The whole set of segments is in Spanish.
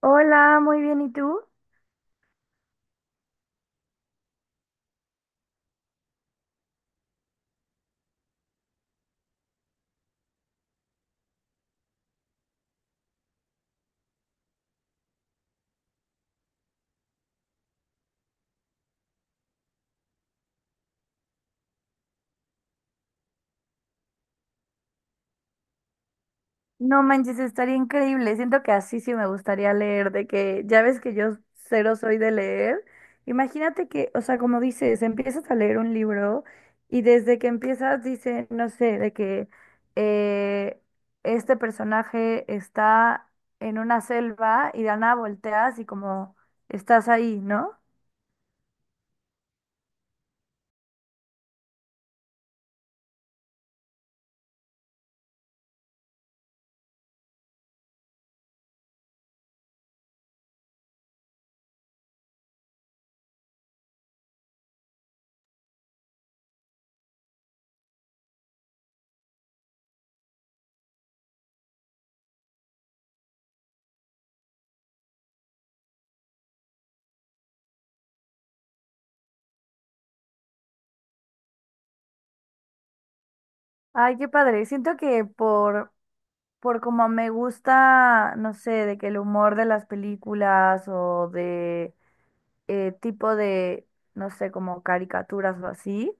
Hola, muy bien, ¿y tú? No manches, estaría increíble. Siento que así sí me gustaría leer, de que ya ves que yo cero soy de leer. Imagínate que, o sea, como dices, empiezas a leer un libro y desde que empiezas dice, no sé, de que eh, este personaje está en una selva y de la nada volteas y como estás ahí, ¿no? Ay, qué padre. Siento que por como me gusta, no sé, de que el humor de las películas o de tipo de, no sé, como caricaturas o así,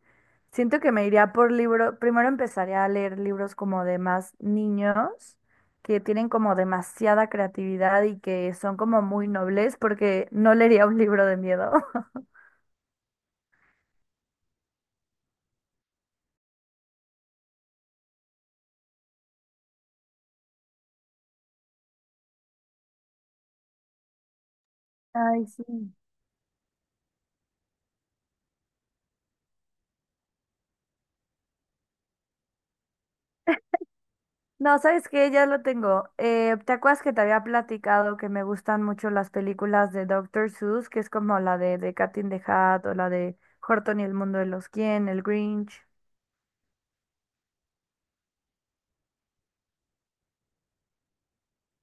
siento que me iría por libro, primero empezaría a leer libros como de más niños, que tienen como demasiada creatividad y que son como muy nobles, porque no leería un libro de miedo. Ay, sí. No, ¿sabes qué? Ya lo tengo. ¿Te acuerdas que te había platicado que me gustan mucho las películas de Doctor Seuss, que es como la de Cat in the Hat o la de Horton y el mundo de los quién, el Grinch?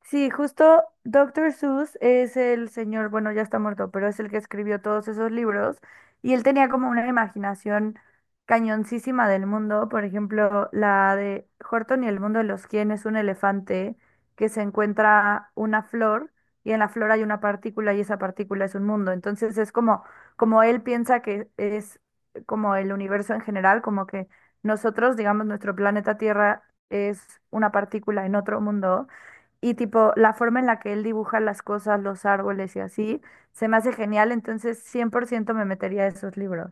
Sí, justo Doctor Seuss es el señor, bueno, ya está muerto, pero es el que escribió todos esos libros y él tenía como una imaginación cañoncísima del mundo, por ejemplo, la de Horton y el mundo de los quién es un elefante que se encuentra una flor y en la flor hay una partícula y esa partícula es un mundo, entonces es como él piensa que es como el universo en general, como que nosotros, digamos, nuestro planeta Tierra es una partícula en otro mundo y tipo, la forma en la que él dibuja las cosas, los árboles y así, se me hace genial, entonces 100% me metería a esos libros.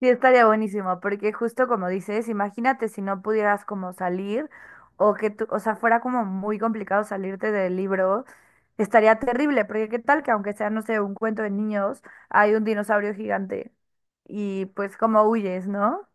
Sí, estaría buenísimo, porque justo como dices, imagínate si no pudieras como salir o que tú, o sea, fuera como muy complicado salirte del libro, estaría terrible, porque qué tal que aunque sea, no sé, un cuento de niños, hay un dinosaurio gigante y pues como huyes, ¿no?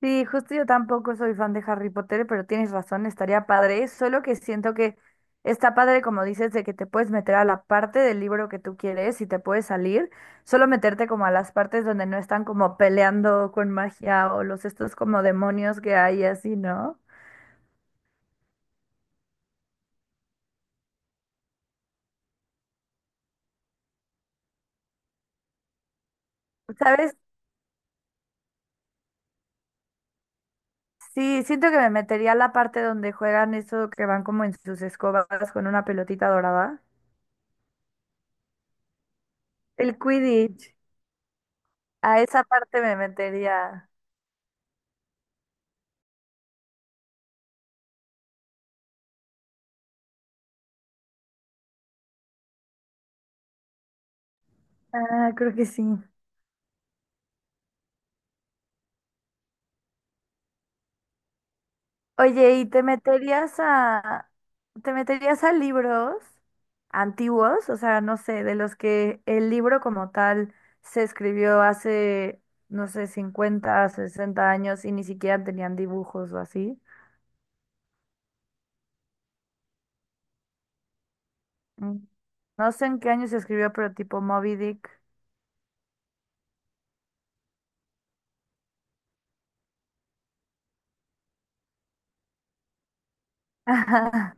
Sí, justo yo tampoco soy fan de Harry Potter, pero tienes razón, estaría padre. Solo que siento que está padre, como dices, de que te puedes meter a la parte del libro que tú quieres y te puedes salir. Solo meterte como a las partes donde no están como peleando con magia o los estos como demonios que hay y así, ¿no? ¿Sabes? Sí, siento que me metería a la parte donde juegan eso que van como en sus escobas con una pelotita dorada. El Quidditch. A esa parte me metería. Ah, creo que sí. Oye, ¿te meterías a libros antiguos? O sea, no sé, de los que el libro como tal se escribió hace, no sé, 50, 60 años y ni siquiera tenían dibujos o así. Mm. No sé en qué año se escribió, pero tipo Moby Dick. Ajá.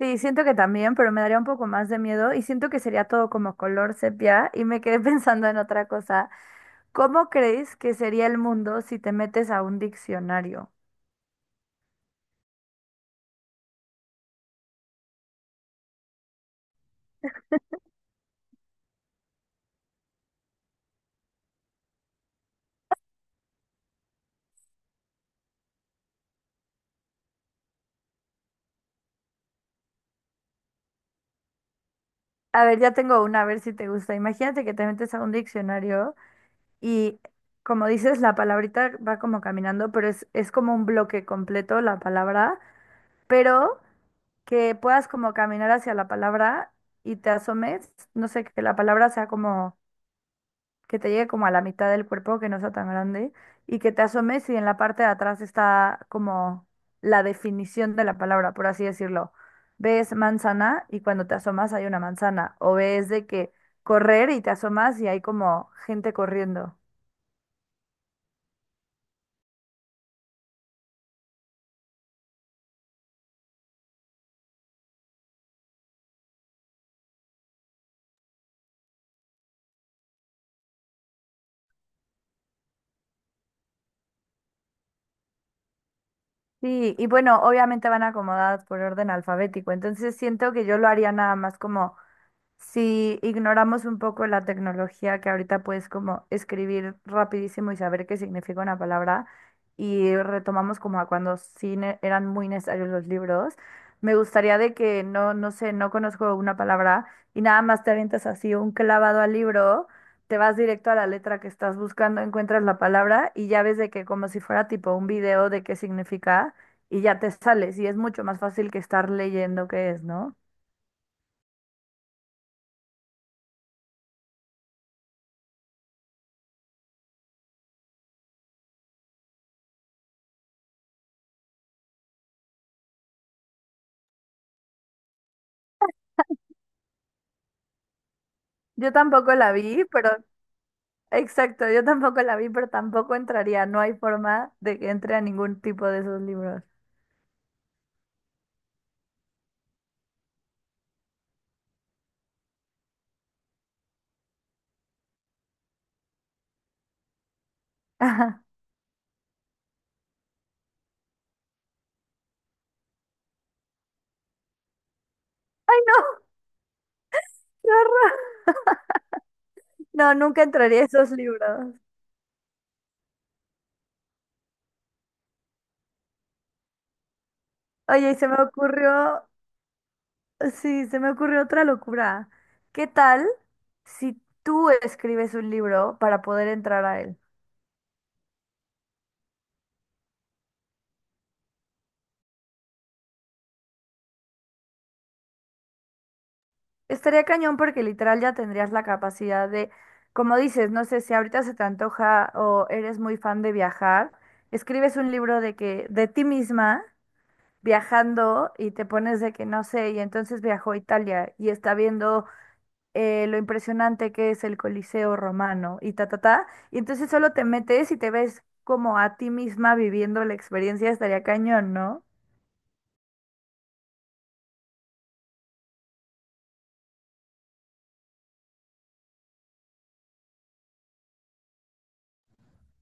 Sí, siento que también, pero me daría un poco más de miedo y siento que sería todo como color sepia y me quedé pensando en otra cosa. ¿Cómo crees que sería el mundo si te metes a un diccionario? A ver, ya tengo una, a ver si te gusta. Imagínate que te metes a un diccionario y, como dices, la palabrita va como caminando, pero es como un bloque completo la palabra, pero que puedas como caminar hacia la palabra y te asomes, no sé, que la palabra sea como que te llegue como a la mitad del cuerpo, que no sea tan grande, y que te asomes y en la parte de atrás está como la definición de la palabra, por así decirlo. Ves manzana y cuando te asomas hay una manzana, o ves de que correr y te asomas y hay como gente corriendo. Sí, y bueno, obviamente van acomodadas por orden alfabético, entonces siento que yo lo haría nada más como si ignoramos un poco la tecnología que ahorita puedes como escribir rapidísimo y saber qué significa una palabra y retomamos como a cuando eran muy necesarios los libros, me gustaría de que no, no sé, no conozco una palabra y nada más te avientas así un clavado al libro, te vas directo a la letra que estás buscando, encuentras la palabra y ya ves de que como si fuera tipo un video de qué significa. Y ya te sales, y es mucho más fácil que estar leyendo qué es, ¿no? Yo tampoco la vi, pero exacto, yo tampoco la vi, pero tampoco entraría. No hay forma de que entre a ningún tipo de esos libros. Ajá. ¡Ay, no! ¡Qué horror! No, nunca entraría a esos libros. Oye, y se me ocurrió, sí, se me ocurrió otra locura. ¿Qué tal si tú escribes un libro para poder entrar a él? Estaría cañón porque literal ya tendrías la capacidad de, como dices, no sé si ahorita se te antoja o eres muy fan de viajar, escribes un libro de que de ti misma viajando y te pones de que no sé, y entonces viajó a Italia y está viendo lo impresionante que es el Coliseo romano y ta, ta, ta, y entonces solo te metes y te ves como a ti misma viviendo la experiencia, estaría cañón, ¿no?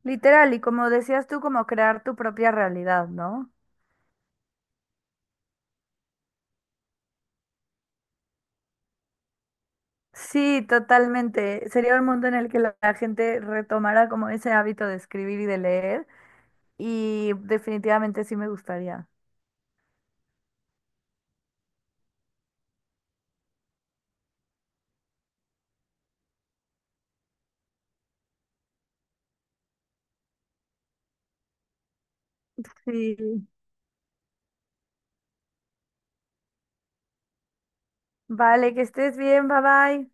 Literal, y como decías tú, como crear tu propia realidad, ¿no? Sí, totalmente. Sería un mundo en el que la gente retomara como ese hábito de escribir y de leer, y definitivamente sí me gustaría. Sí. Vale, que estés bien, bye bye.